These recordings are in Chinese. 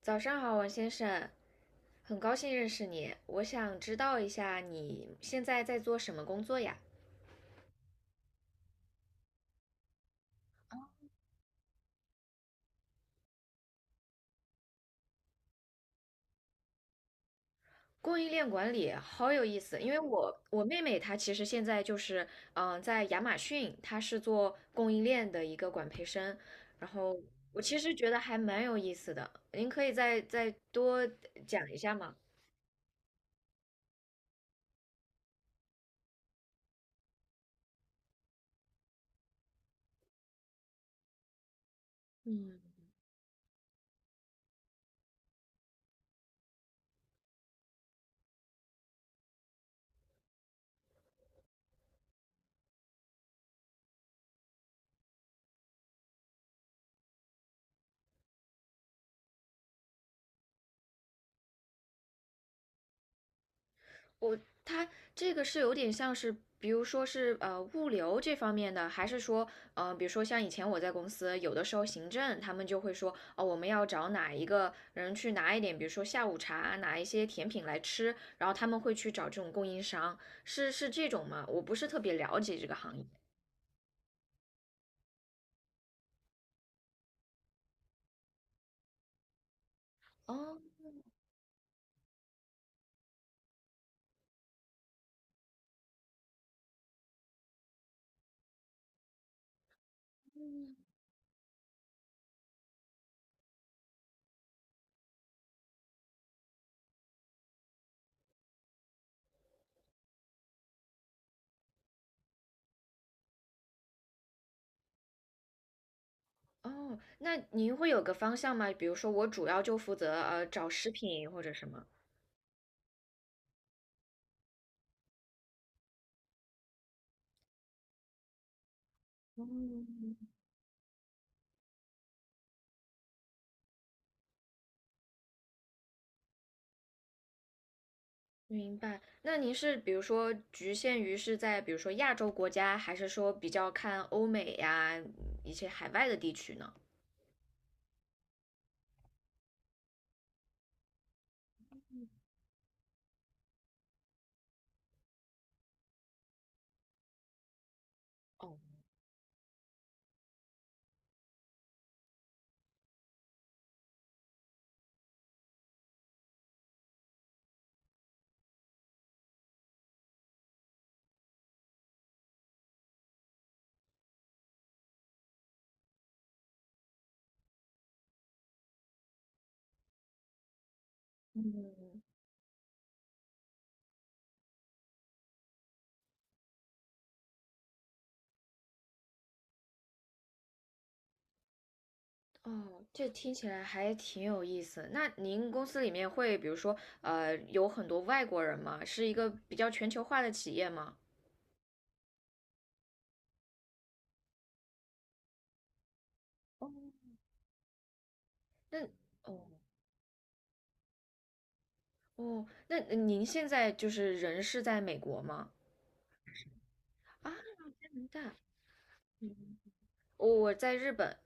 早上好，王先生，很高兴认识你。我想知道一下你现在在做什么工作呀？供应链管理好有意思，因为我妹妹她其实现在就是在亚马逊，她是做供应链的一个管培生，然后我其实觉得还蛮有意思的，您可以再多讲一下吗？嗯。我它这个是有点像是，比如说是物流这方面的，还是说比如说像以前我在公司，有的时候行政他们就会说，哦，我们要找哪一个人去拿一点，比如说下午茶，拿一些甜品来吃，然后他们会去找这种供应商，是是这种吗？我不是特别了解这个行业。哦哦，那您会有个方向吗？比如说我主要就负责找食品或者什么。嗯，明白，那您是比如说局限于是在比如说亚洲国家，还是说比较看欧美呀，一些海外的地区呢？哦，嗯，哦，这听起来还挺有意思。那您公司里面会比如说有很多外国人吗？是一个比较全球化的企业吗？哦，那哦哦，那您现在就是人是在美国吗？啊，加拿大，嗯，我在日本。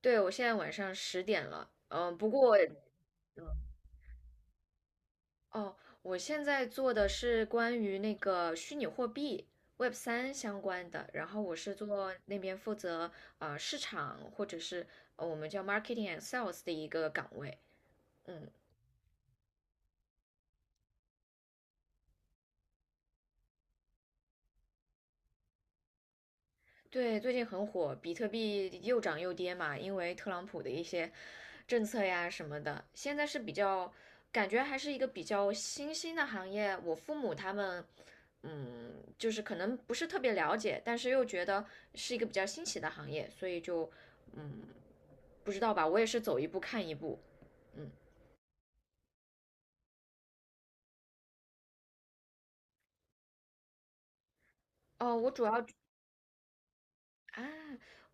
对，我现在晚上10点了，嗯，不过，嗯哦，我现在做的是关于那个虚拟货币 Web3相关的，然后我是做那边负责市场或者是我们叫 marketing and sales 的一个岗位，嗯，对，最近很火，比特币又涨又跌嘛，因为特朗普的一些政策呀什么的，现在是比较感觉还是一个比较新兴的行业。我父母他们，嗯，就是可能不是特别了解，但是又觉得是一个比较新奇的行业，所以就嗯，不知道吧，我也是走一步看一步。嗯，哦，我主要啊，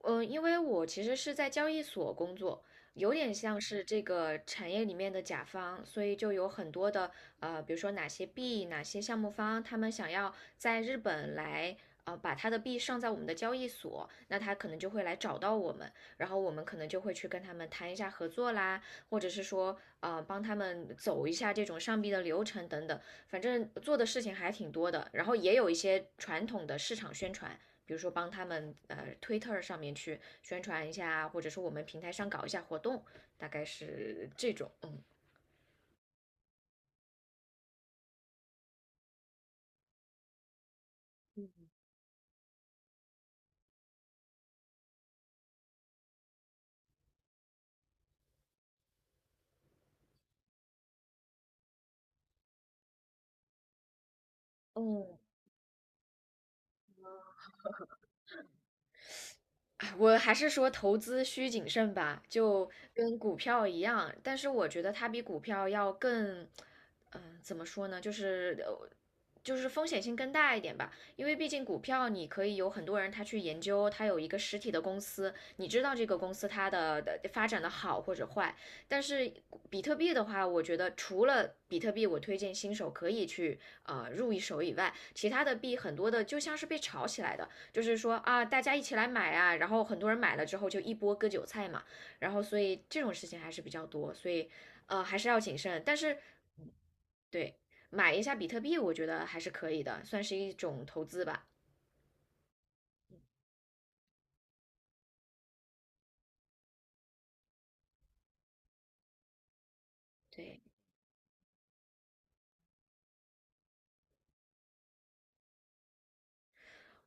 嗯，因为我其实是在交易所工作，有点像是这个产业里面的甲方，所以就有很多的比如说哪些币、哪些项目方，他们想要在日本来把他的币上在我们的交易所，那他可能就会来找到我们，然后我们可能就会去跟他们谈一下合作啦，或者是说帮他们走一下这种上币的流程等等，反正做的事情还挺多的，然后也有一些传统的市场宣传。比如说帮他们推特上面去宣传一下，或者说我们平台上搞一下活动，大概是这种，嗯。嗯。哎，我还是说投资需谨慎吧，就跟股票一样，但是我觉得它比股票要更，怎么说呢，就是风险性更大一点吧，因为毕竟股票你可以有很多人他去研究，他有一个实体的公司，你知道这个公司它的发展的好或者坏，但是比特币的话，我觉得除了比特币，我推荐新手可以去入一手以外，其他的币很多的就像是被炒起来的，就是说啊，大家一起来买啊，然后很多人买了之后就一波割韭菜嘛，然后所以这种事情还是比较多，所以还是要谨慎。但是对，买一下比特币，我觉得还是可以的，算是一种投资吧。对。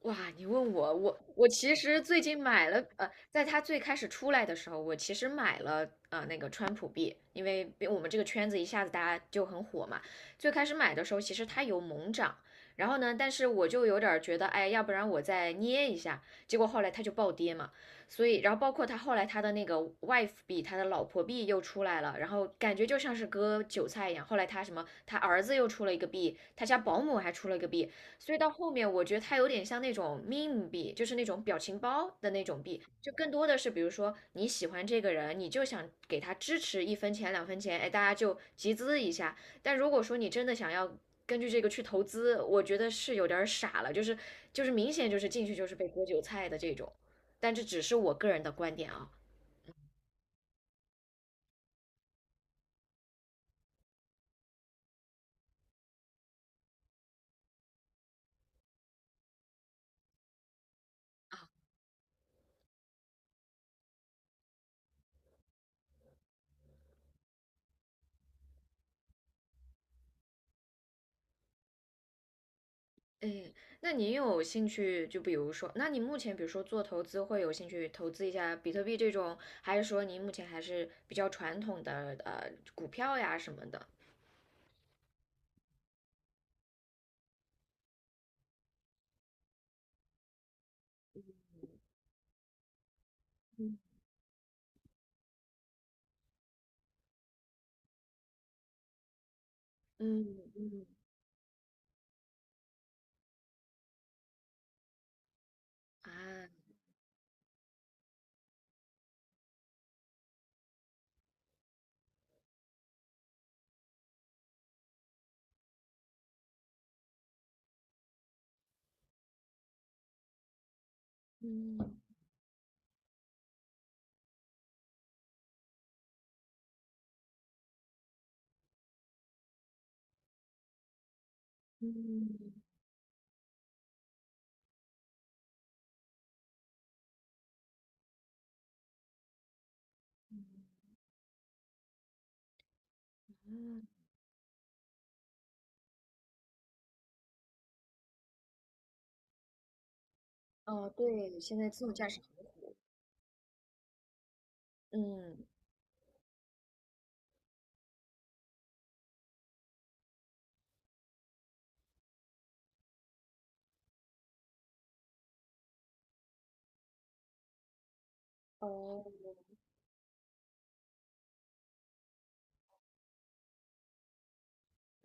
哇，你问我，我其实最近买了，在它最开始出来的时候，我其实买了那个川普币，因为我们这个圈子一下子大家就很火嘛。最开始买的时候，其实它有猛涨，然后呢，但是我就有点儿觉得，哎，要不然我再捏一下，结果后来它就暴跌嘛。所以，然后包括它后来它的那个 wife 币，它的老婆币又出来了，然后感觉就像是割韭菜一样。后来它什么，他儿子又出了一个币，他家保姆还出了一个币，所以到后面我觉得它有点像那种 meme 币，就是那种表情包的那种币，就更多的是比如说你喜欢这个人，你就想给他支持一分钱两分钱，哎，大家就集资一下。但如果说你真的想要根据这个去投资，我觉得是有点儿傻了，就是明显就是进去就是被割韭菜的这种。但这只是我个人的观点啊。诶，那你有兴趣就比如说，那你目前比如说做投资会有兴趣投资一下比特币这种，还是说您目前还是比较传统的股票呀什么的？嗯嗯嗯啊嗯哦，对，现在自动驾驶很火。嗯哦，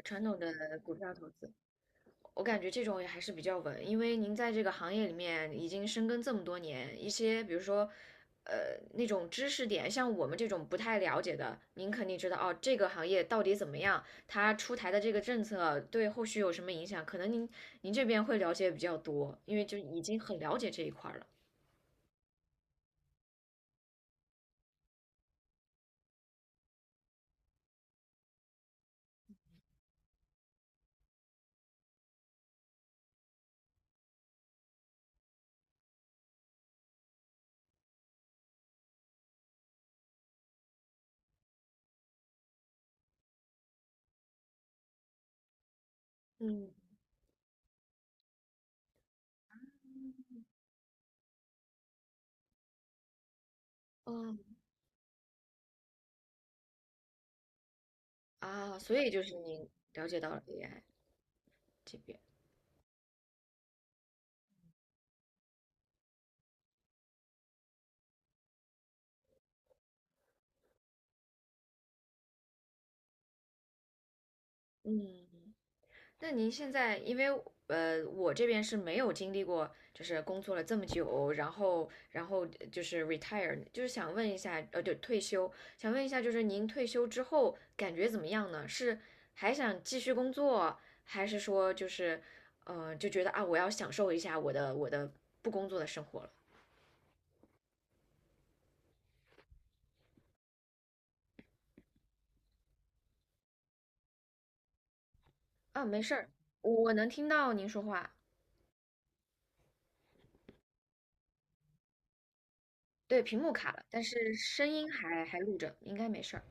传统的股票投资。我感觉这种也还是比较稳，因为您在这个行业里面已经深耕这么多年，一些比如说，呃，那种知识点，像我们这种不太了解的，您肯定知道哦，这个行业到底怎么样，它出台的这个政策对后续有什么影响，可能您这边会了解比较多，因为就已经很了解这一块儿了嗯，哦，啊，所以就是您了解到了 AI 这边，嗯。那您现在，因为我这边是没有经历过，就是工作了这么久，然后就是 retire，就是想问一下，呃，对，退休，想问一下，就是您退休之后感觉怎么样呢？是还想继续工作，还是说就觉得啊，我要享受一下我的不工作的生活了？啊，没事儿，我能听到您说话，对，屏幕卡了，但是声音还录着，应该没事儿。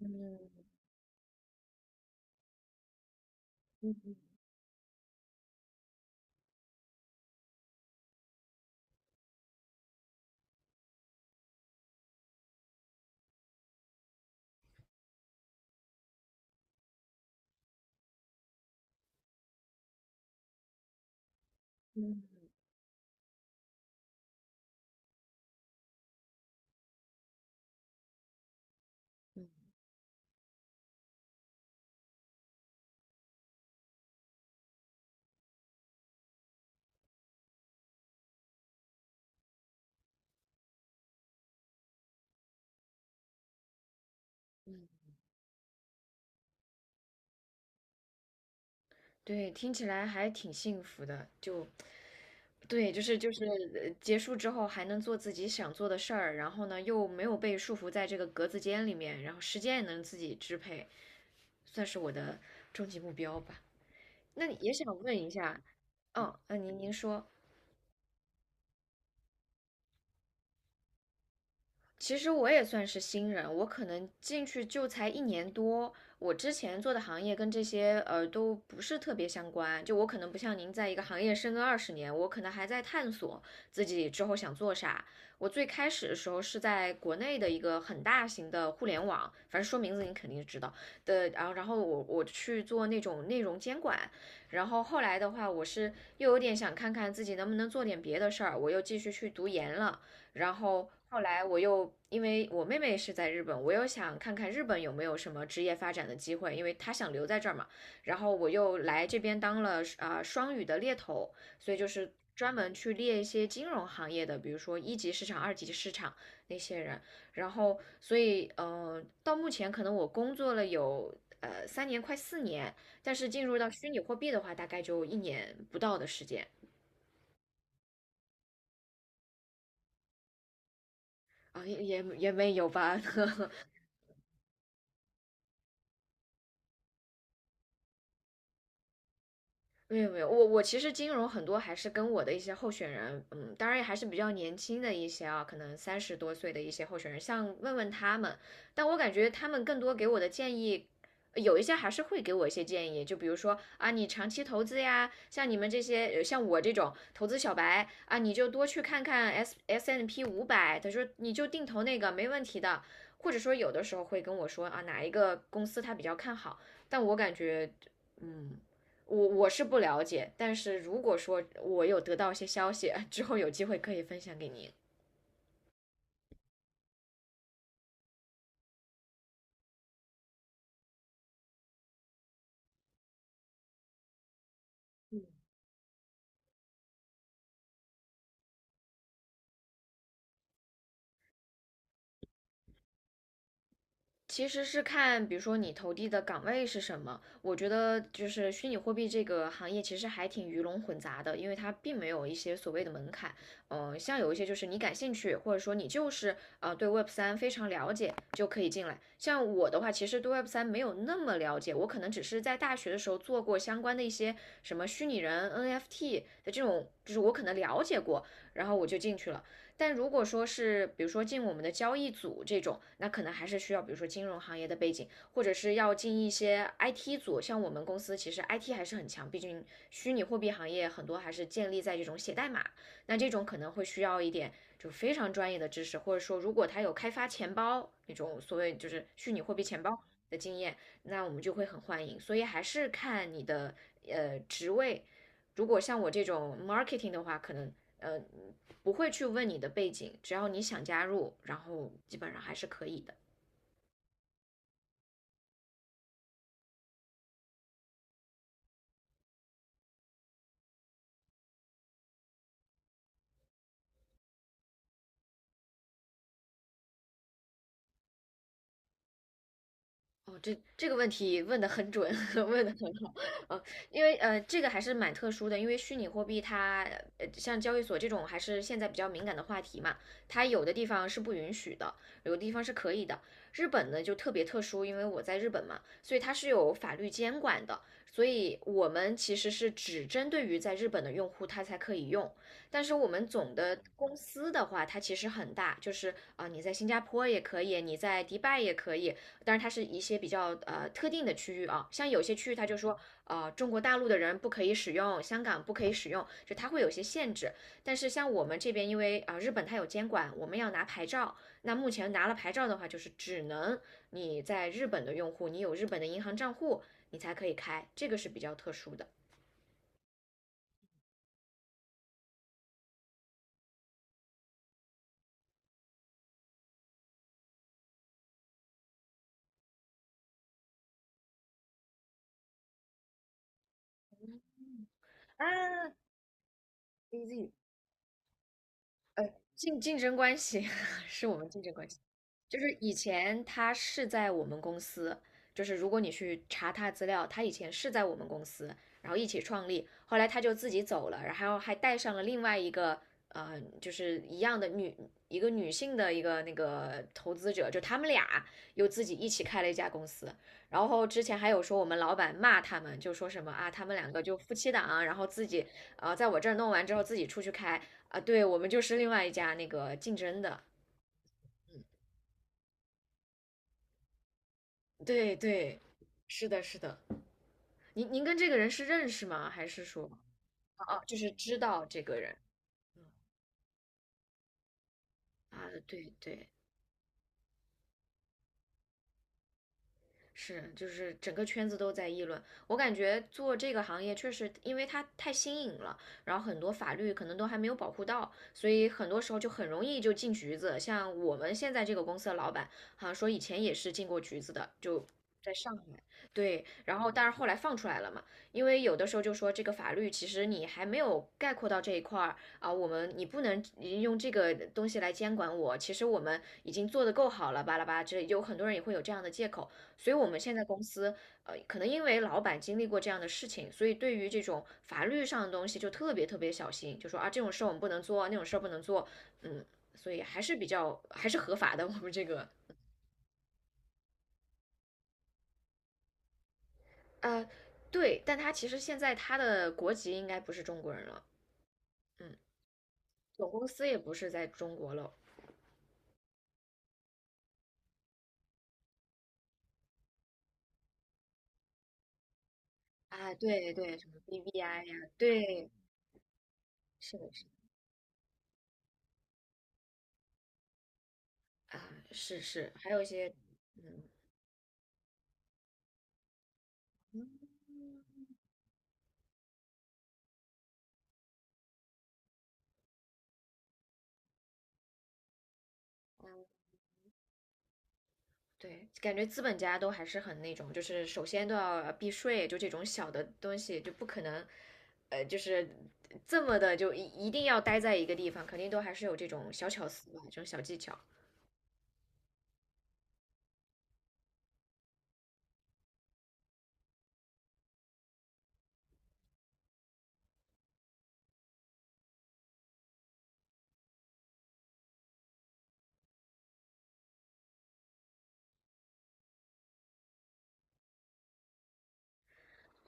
嗯嗯嗯嗯嗯。嗯对，听起来还挺幸福的。就对，就是结束之后还能做自己想做的事儿，然后呢又没有被束缚在这个格子间里面，然后时间也能自己支配，算是我的终极目标吧。那你也想问一下，哦，那您说，其实我也算是新人，我可能进去就才1年多。我之前做的行业跟这些都不是特别相关，就我可能不像您在一个行业深耕20年，我可能还在探索自己之后想做啥。我最开始的时候是在国内的一个很大型的互联网，反正说名字你肯定知道的，然后我去做那种内容监管，然后后来的话，我是又有点想看看自己能不能做点别的事儿，我又继续去读研了。然后后来我又因为我妹妹是在日本，我又想看看日本有没有什么职业发展的机会，因为她想留在这儿嘛。然后我又来这边当了双语的猎头，所以就是专门去猎一些金融行业的，比如说1级市场、2级市场那些人。然后所以到目前可能我工作了有。3年快4年，但是进入到虚拟货币的话，大概就一年不到的时间啊，也没有吧，没有没有，我其实金融很多还是跟我的一些候选人，嗯，当然也还是比较年轻的一些啊，可能30多岁的一些候选人，像问他们，但我感觉他们更多给我的建议，有一些还是会给我一些建议，就比如说啊，你长期投资呀，像你们这些像我这种投资小白啊，你就多去看看 S&P500，他说你就定投那个没问题的，或者说有的时候会跟我说啊，哪一个公司他比较看好，但我感觉。嗯，我是不了解，但是如果说我有得到一些消息 之后，有机会可以分享给您。其实是看，比如说你投递的岗位是什么。我觉得就是虚拟货币这个行业其实还挺鱼龙混杂的，因为它并没有一些所谓的门槛。像有一些就是你感兴趣，或者说你就是对 Web 三非常了解就可以进来。像我的话，其实对 Web 三没有那么了解，我可能只是在大学的时候做过相关的一些什么虚拟人 NFT 的这种，就是我可能了解过，然后我就进去了。但如果说是比如说进我们的交易组这种，那可能还是需要比如说金融行业的背景，或者是要进一些 IT 组。像我们公司其实 IT 还是很强，毕竟虚拟货币行业很多还是建立在这种写代码。那这种可能会需要一点就非常专业的知识，或者说如果他有开发钱包那种所谓就是虚拟货币钱包的经验，那我们就会很欢迎。所以还是看你的职位。如果像我这种 marketing 的话，可能呃不会去问你的背景，只要你想加入，然后基本上还是可以的。哦，这个问题问得很准，问得很好。呃，因为这个还是蛮特殊的，因为虚拟货币它像交易所这种还是现在比较敏感的话题嘛，它有的地方是不允许的，有的地方是可以的。日本呢就特别特殊，因为我在日本嘛，所以它是有法律监管的，所以我们其实是只针对于在日本的用户，它才可以用。但是我们总的公司的话，它其实很大，就是你在新加坡也可以，你在迪拜也可以，当然它是一些比较特定的区域啊，像有些区域它就说，中国大陆的人不可以使用，香港不可以使用，就它会有些限制。但是像我们这边，因为日本它有监管，我们要拿牌照，那目前拿了牌照的话，就是只能你在日本的用户，你有日本的银行账户，你才可以开，这个是比较特殊的。啊，easy，竞争关系 是我们竞争关系。就是以前他是在我们公司，就是如果你去查他资料，他以前是在我们公司，然后一起创立，后来他就自己走了，然后还带上了另外一个就是一样的女一个女性的一个那个投资者，就他们俩又自己一起开了一家公司，然后之前还有说我们老板骂他们，就说什么啊，他们两个就夫妻档，然后自己在我这儿弄完之后自己出去开啊，对我们就是另外一家那个竞争的。对对，是的，是的。您您跟这个人是认识吗？还是说，啊，就是知道这个人？嗯啊，对对，是，就是整个圈子都在议论。我感觉做这个行业确实，因为它太新颖了，然后很多法律可能都还没有保护到，所以很多时候就很容易就进局子。像我们现在这个公司的老板，好像说以前也是进过局子的，就在上海。对，然后但是后来放出来了嘛，因为有的时候就说这个法律其实你还没有概括到这一块儿啊，我们你不能用这个东西来监管我，其实我们已经做得够好了，巴拉巴拉之类，有很多人也会有这样的借口。所以我们现在公司，可能因为老板经历过这样的事情，所以对于这种法律上的东西就特别小心，就说啊，这种事儿我们不能做，那种事儿不能做，嗯，所以还是比较还是合法的。我们这个，呃，对，但他其实现在他的国籍应该不是中国人了，嗯，总公司也不是在中国了啊，对对，什么 b b i 呀，对，是的，是的啊，是是，还有一些，嗯。嗯对，感觉资本家都还是很那种，就是首先都要避税，就这种小的东西就不可能，就是这么的就一定要待在一个地方，肯定都还是有这种小巧思吧，这种小技巧。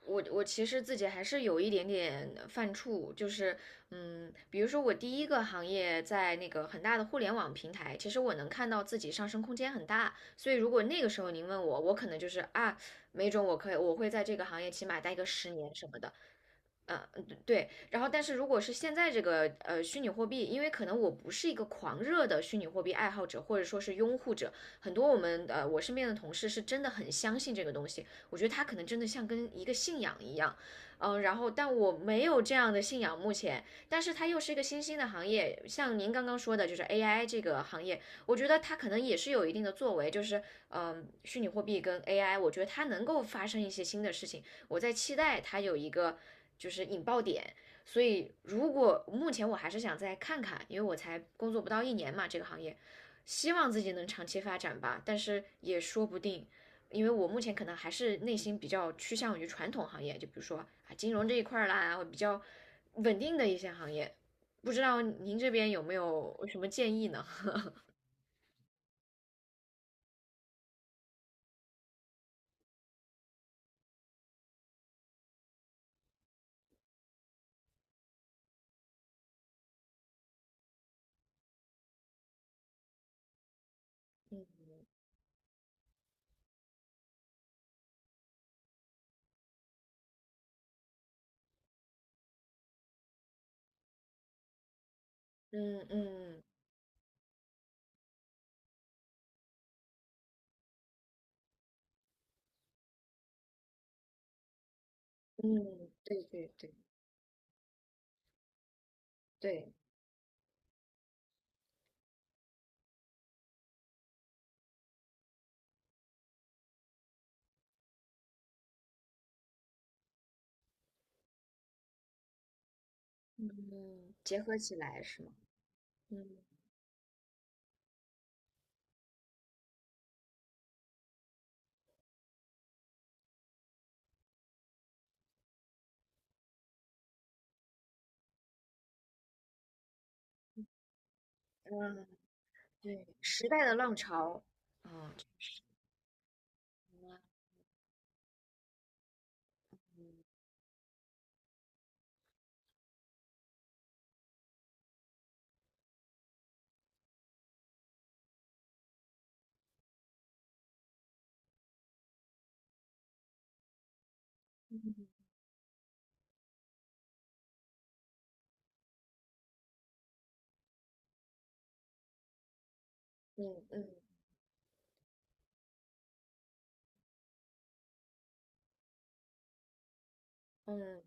我其实自己还是有一点点犯怵，就是嗯，比如说我第一个行业在那个很大的互联网平台，其实我能看到自己上升空间很大，所以如果那个时候您问我，我可能就是啊，没准我可以我会在这个行业起码待个十年什么的。嗯对对，然后但是如果是现在这个虚拟货币，因为可能我不是一个狂热的虚拟货币爱好者或者说是拥护者，很多我们我身边的同事是真的很相信这个东西，我觉得他可能真的像跟一个信仰一样，然后但我没有这样的信仰目前，但是它又是一个新兴的行业，像您刚刚说的，就是 AI 这个行业，我觉得它可能也是有一定的作为，就是虚拟货币跟 AI，我觉得它能够发生一些新的事情。我在期待它有一个就是引爆点。所以，如果目前我还是想再看看，因为我才工作不到一年嘛，这个行业，希望自己能长期发展吧。但是也说不定，因为我目前可能还是内心比较趋向于传统行业，就比如说啊金融这一块儿啦，比较稳定的一些行业。不知道您这边有没有什么建议呢？嗯嗯嗯，对对对对，嗯，结合起来是吗？嗯嗯。对，时代的浪潮，嗯，嗯嗯嗯嗯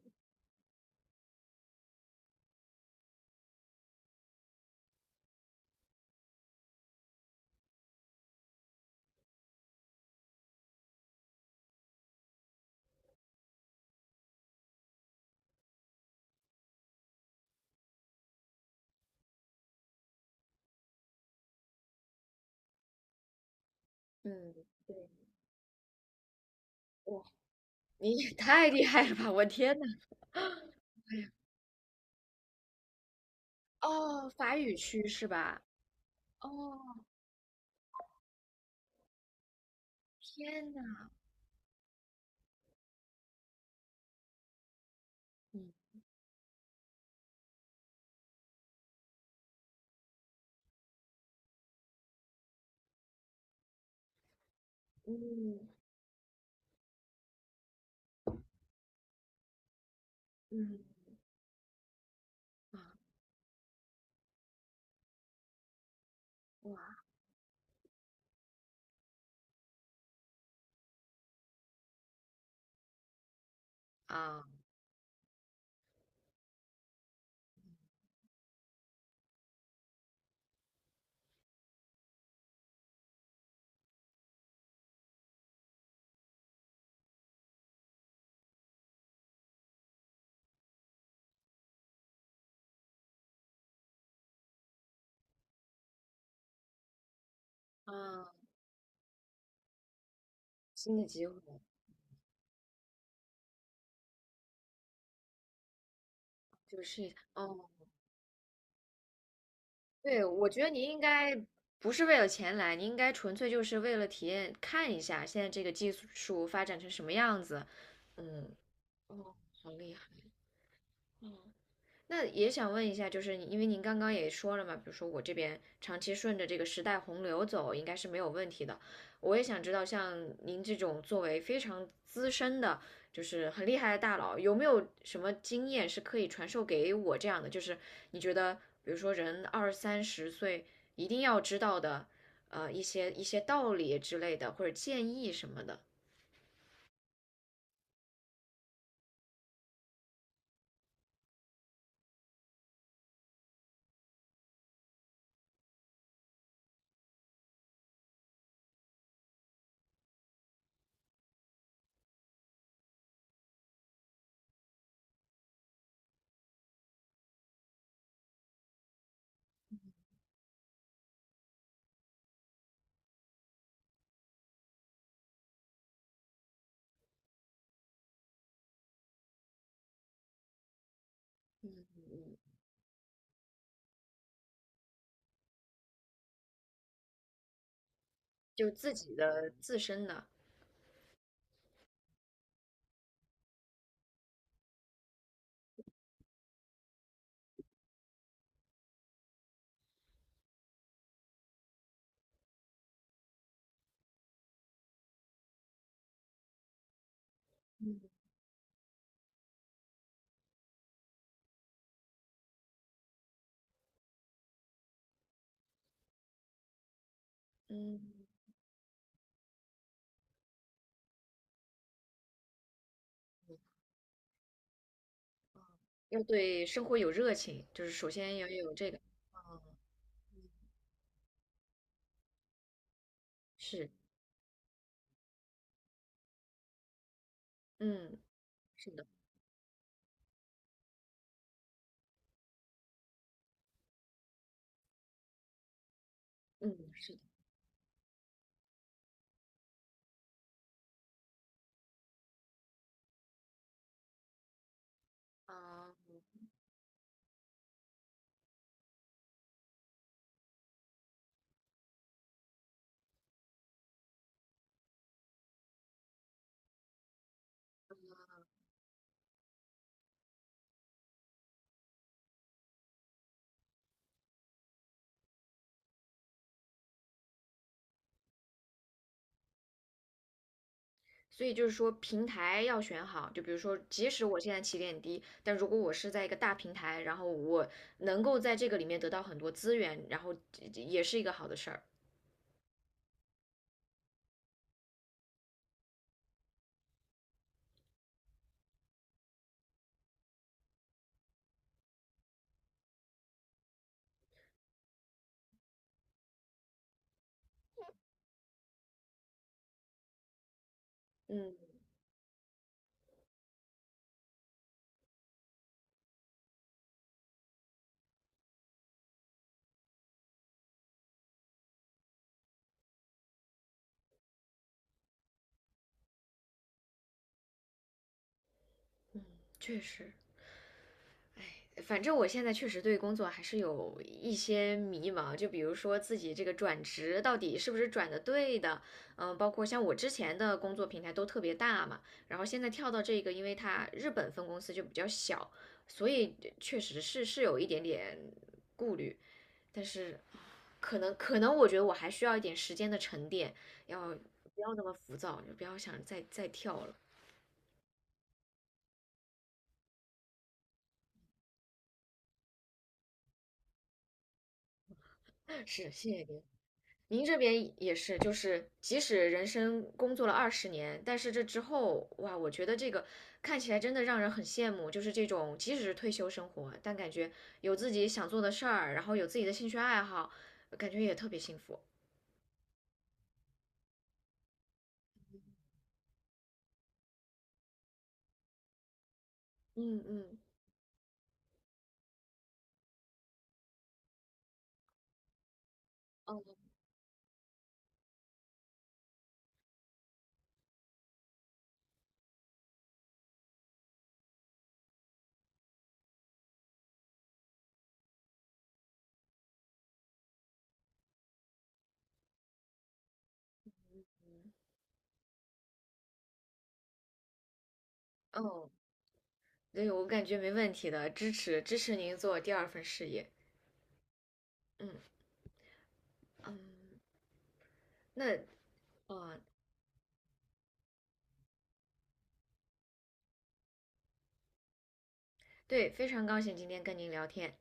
嗯，对，哇，你也 太厉害了吧！我天呐，哦，法语区是吧？哦，天呐，嗯嗯嗯啊哇啊啊！新的机会就是哦，对，我觉得你应该不是为了钱来，你应该纯粹就是为了体验，看一下现在这个技术发展成什么样子。嗯，哦，好厉害。嗯那也想问一下，就是你，因为您刚刚也说了嘛，比如说我这边长期顺着这个时代洪流走，应该是没有问题的。我也想知道，像您这种作为非常资深的，就是很厉害的大佬，有没有什么经验是可以传授给我这样的？就是你觉得，比如说人二三十岁一定要知道的，一些道理之类的，或者建议什么的，就自己的自身的，嗯，要对生活有热情，就是首先要有这个。嗯，是，嗯，是的，嗯，是的，嗯，所以就是说平台要选好，就比如说，即使我现在起点低，但如果我是在一个大平台，然后我能够在这个里面得到很多资源，然后这也是一个好的事儿。嗯嗯，确实。反正我现在确实对工作还是有一些迷茫，就比如说自己这个转职到底是不是转的对的，嗯，包括像我之前的工作平台都特别大嘛，然后现在跳到这个，因为它日本分公司就比较小，所以确实是是有一点点顾虑，但是可能我觉得我还需要一点时间的沉淀，要不要那么浮躁，就不要想再跳了。是，谢谢您。您这边也是，就是即使人生工作了20年，但是这之后，哇，我觉得这个看起来真的让人很羡慕，就是这种即使是退休生活，但感觉有自己想做的事儿，然后有自己的兴趣爱好，感觉也特别幸福。嗯嗯哦哦，对，我感觉没问题的，支持您做第二份事业。嗯嗯，那哦对，非常高兴今天跟您聊天。